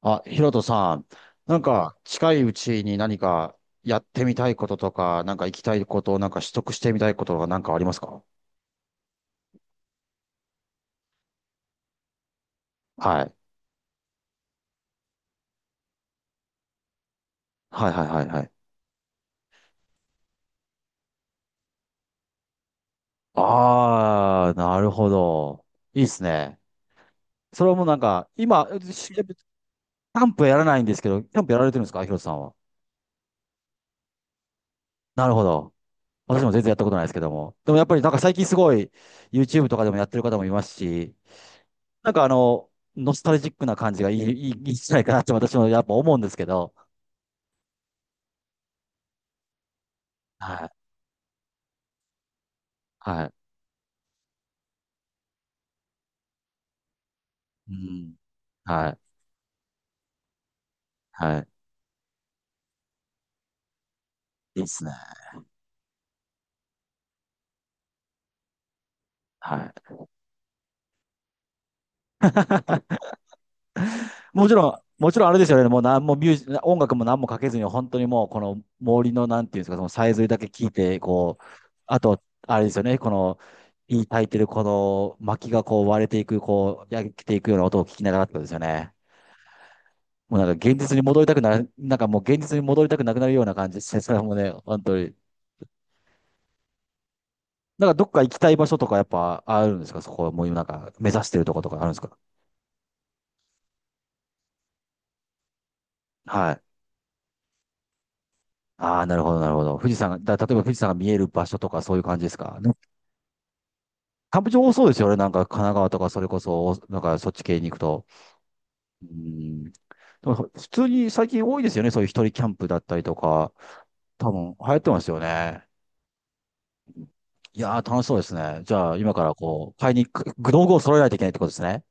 あ、ヒロトさん、なんか近いうちに何かやってみたいこととか、なんか行きたいこと、なんか取得してみたいことがなんかありますか？はい。はいはいはいはい。あー、なるほど。いいっすね。それはもうなんか、今、キャンプやらないんですけど、キャンプやられてるんですかヒロトさんは？なるほど。私も全然やったことないですけども。でもやっぱりなんか最近すごい YouTube とかでもやってる方もいますし、なんかノスタルジックな感じがいいんじゃないかなって私もやっぱ思うんですけど、はいはい。うん。はい。はい。いいっすね。はい。もちろん、もちろんあれですよね。もう何もミュージ、音楽も何もかけずに、本当にもうこの森のなんていうんですか、そのさえずりだけ聞いて、こう、あと、あれですよね。この、いい炊いてるこの薪がこう割れていく、こう焼けていくような音を聞きながらってことですよね。もうなんか現実に戻りたくなる、なんかもう現実に戻りたくなくなるような感じです。それもね、本当に。なんかどっか行きたい場所とかやっぱあるんですか？そこはもう今なんか目指してるとことかあるんですか？はい。ああ、なるほど、なるほど。富士山が、だ、例えば富士山が見える場所とかそういう感じですか？でもキャンプ場多そうですよね。なんか神奈川とかそれこそ、なんかそっち系に行くと。うん。でも普通に最近多いですよね。そういう一人キャンプだったりとか。多分流行ってますよね。いやー楽しそうですね。じゃあ今からこう、買いに、く道具を揃えないといけないってことですね。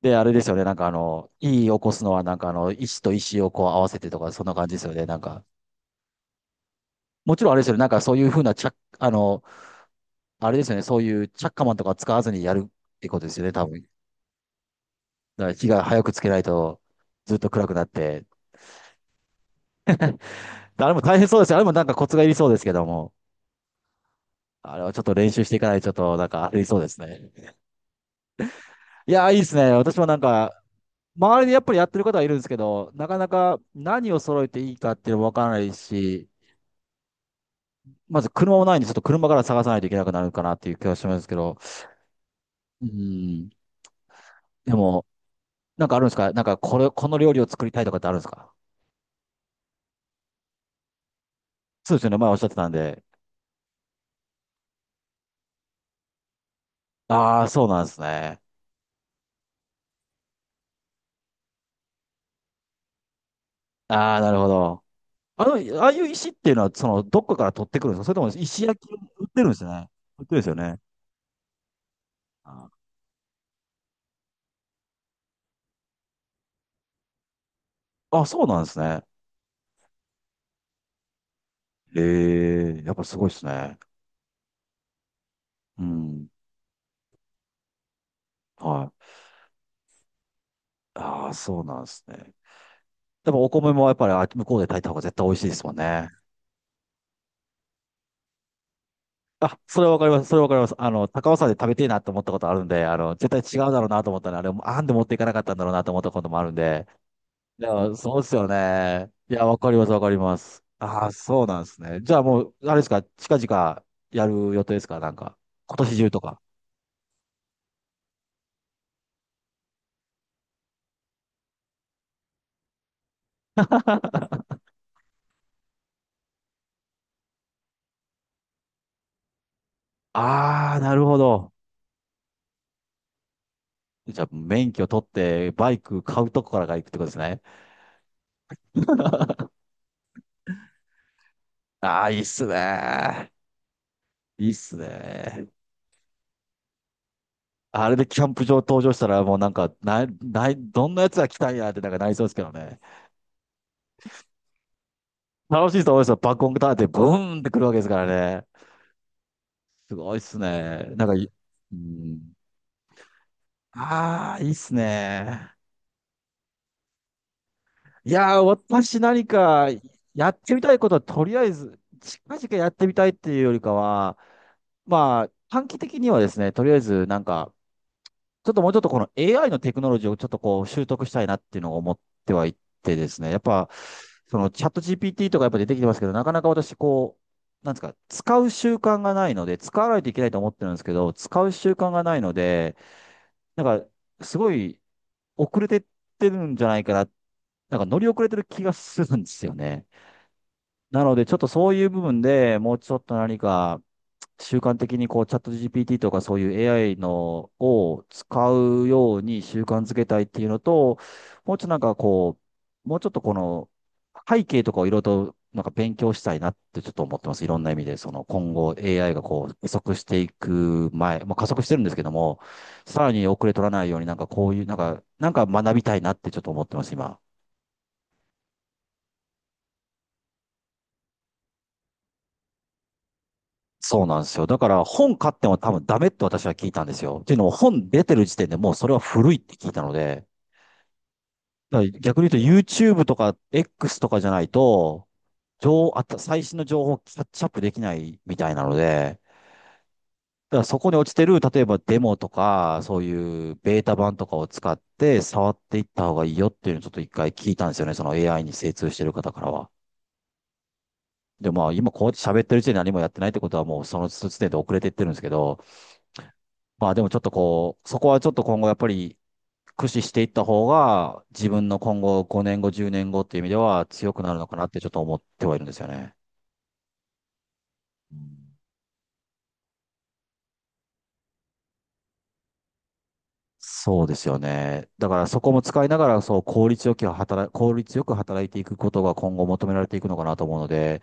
で、あれですよね。なんかいい起こすのはなんか石と石をこう合わせてとか、そんな感じですよね。なんか。もちろんあれですよね。なんかそういうふうな着、あの、あれですよね。そういうチャッカマンとか使わずにやるってことですよね、多分。だから火が早くつけないとずっと暗くなって。あれも大変そうですよ。あれもなんかコツがいりそうですけども。あれはちょっと練習していかないとちょっとなんかありそうですね。いやー、いいですね。私もなんか、周りでやっぱりやってる方はいるんですけど、なかなか何を揃えていいかっていうのもわからないし、まず車もないんで、ちょっと車から探さないといけなくなるかなっていう気がしますけど。うん。でも、なんかあるんですか？なんかこれ、この料理を作りたいとかってあるんですか？そうですよね。前おっしゃってたんで。ああ、そうなんですね。ああ、なるほど。あの、ああいう石っていうのは、どっかから取ってくるんですか？それとも石焼きを売ってるんですね。売ってるんですよね。あー、あそうなんですね。ええ、やっぱすごいですね。うん。はい。ああ、そうなんですね。でもお米もやっぱり向こうで炊いた方が絶対美味しいですもんね。あ、それはわかります。それはわかります。高尾山で食べてえなと思ったことあるんで、絶対違うだろうなと思ったら、あれ、あんで持っていかなかったんだろうなと思ったこともあるんで、いや、そうですよね。いや、わかります、わかります。ああ、そうなんですね。じゃあもう、あれですか、近々やる予定ですか、なんか？今年中とか。ああ、なるほど。じゃあ、免許取って、バイク買うとこからが行くってことですね。ああ、いいっすね。いいっすね。あれでキャンプ場登場したら、もうなんか、な、ない、どんなやつが来たんやってなんかなりそうですけどね。楽しいと思いますよ。バックオンターンってブーンってくるわけですからね。すごいっすね。なんか。うん。ああ、いいっすね。いやー、私何かやってみたいことはとりあえず、近々やってみたいっていうよりかは、まあ、短期的にはですね、とりあえずなんか、ちょっともうちょっとこの AI のテクノロジーをちょっとこう習得したいなっていうのを思ってはいてですね、やっぱ、そのチャット GPT とかやっぱ出てきてますけど、なかなか私こう、なんですか、使う習慣がないので、使わないといけないと思ってるんですけど、使う習慣がないので、なんか、すごい遅れてってるんじゃないかなっなんか乗り遅れてる気がするんですよね。なので、ちょっとそういう部分でもうちょっと何か習慣的にこうチャット GPT とかそういう AI のを使うように習慣づけたいっていうのと、もうちょっとなんかこもうちょっとこの背景とかをいろいろとなんか勉強したいなってちょっと思ってます。いろんな意味で、その今後 AI がこう加速していく前、まあ、加速してるんですけども、さらに遅れ取らないようになんかこういう、なんか学びたいなってちょっと思ってます、今。そうなんですよ。だから本買っても多分ダメって私は聞いたんですよ。っていうのも本出てる時点でもうそれは古いって聞いたので、だから逆に言うと YouTube とか X とかじゃないと、あと最新の情報をキャッチアップできないみたいなので、だからそこに落ちてる、例えばデモとか、そういうベータ版とかを使って触っていった方がいいよっていうのをちょっと一回聞いたんですよね。その AI に精通してる方からは。で、まあ今こうやって喋ってる時点で何もやってないってことはもうその時点で遅れていってるんですけど、まあでもちょっとこう、そこはちょっと今後やっぱり駆使していった方が、自分の今後5年後、10年後っていう意味では強くなるのかなってちょっと思ってはいるんですよね。うん。そうですよね。だからそこも使いながら、そう、効率よく働いていくことが今後求められていくのかなと思うので、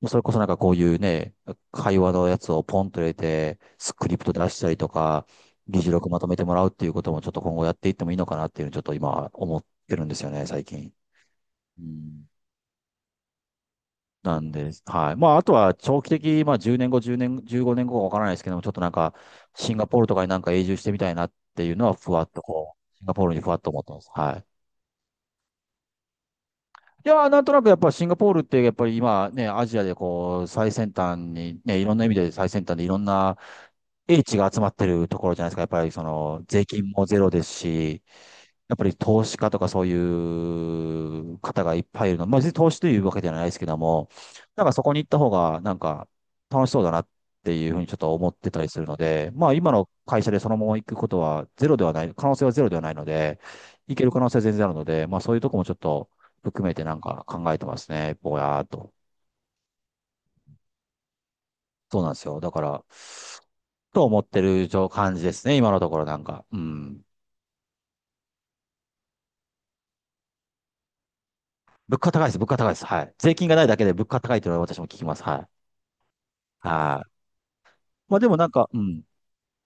もうそれこそなんかこういうね、会話のやつをポンと入れて、スクリプト出したりとか、議事録まとめてもらうっていうこともちょっと今後やっていってもいいのかなっていうのをちょっと今思ってるんですよね、最近。うん。なんです。はい。まあ、あとは長期的、まあ、10年後、10年、15年後かわからないですけども、ちょっとなんか、シンガポールとかになんか永住してみたいなっていうのは、ふわっとこう、シンガポールにふわっと思ってます。はい。いやー、なんとなくやっぱシンガポールってやっぱり今ね、アジアでこう最先端にね、いろんな意味で最先端でいろんな英知が集まってるところじゃないですか。やっぱりその税金もゼロですし、やっぱり投資家とかそういう方がいっぱいいるの。まあ、別に投資というわけではないですけども、なんかそこに行った方がなんか楽しそうだなっていうふうにちょっと思ってたりするので、まあ今の会社でそのまま行くことはゼロではない、可能性はゼロではないので、行ける可能性は全然あるので、まあそういうとこもちょっと含めてなんか考えてますね。ぼやーっと。そうなんですよ。だから、と思ってる状感じですね。今のところなんか。うん。物価高いです。物価高いです。はい。税金がないだけで物価高いというのは私も聞きます。はい。はい。まあでもなんか、うん。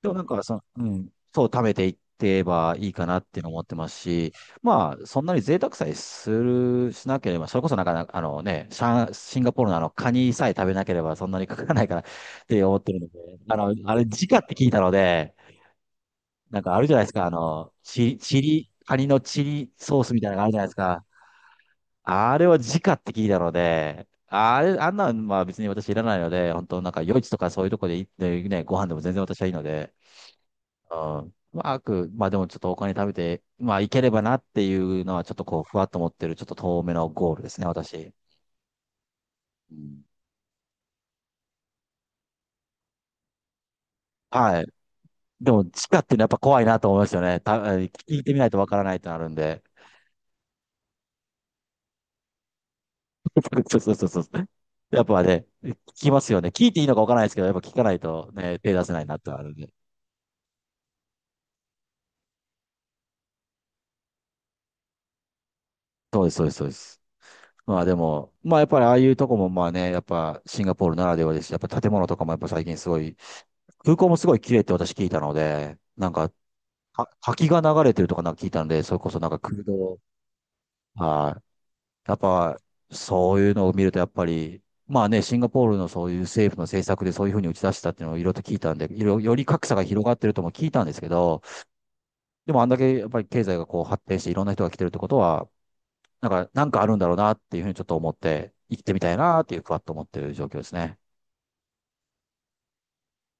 でもなんか、その、うん。そう、貯めていってばいいかなっていうのを思ってますし、まあ、そんなに贅沢さえしなければ、それこそなんかあのね、シンガポールのあの、カニさえ食べなければそんなにかからないからって思ってるので、あの、あれ、時価って聞いたので、なんかあるじゃないですか。あの、チリ、カニのチリソースみたいなのがあるじゃないですか。あれは直って聞いたので、あれ、あんなんは別に私いらないので、本当なんか夜市とかそういうとこで行ってね、ご飯でも全然私はいいので、うん。まあ、まあでもちょっとお金食べて、まあいければなっていうのはちょっとこう、ふわっと思ってる、ちょっと遠めのゴールですね、私。うん。はい。でも、地下っていうのはやっぱ怖いなと思いますよね。聞いてみないとわからないとなるんで。そうそうそうそう。やっぱね、聞きますよね。聞いていいのかわからないですけど、やっぱ聞かないとね、手出せないなってのはあるんで。そうです、そうです、そうです。まあでも、まあやっぱりああいうとこもまあね、やっぱシンガポールならではですし、やっぱ建物とかもやっぱ最近すごい、空港もすごい綺麗って私聞いたので、なんか、は滝が流れてるとかなんか聞いたので、それこそなんか空洞、はい。やっぱ、そういうのを見るとやっぱり、まあね、シンガポールのそういう政府の政策でそういうふうに打ち出したっていうのをいろいろと聞いたんで、いろより格差が広がってるとも聞いたんですけど、でもあんだけやっぱり経済がこう発展していろんな人が来てるってことは、なんか、なんかあるんだろうなっていうふうにちょっと思って、行ってみたいなっていうふわっと思ってる状況ですね。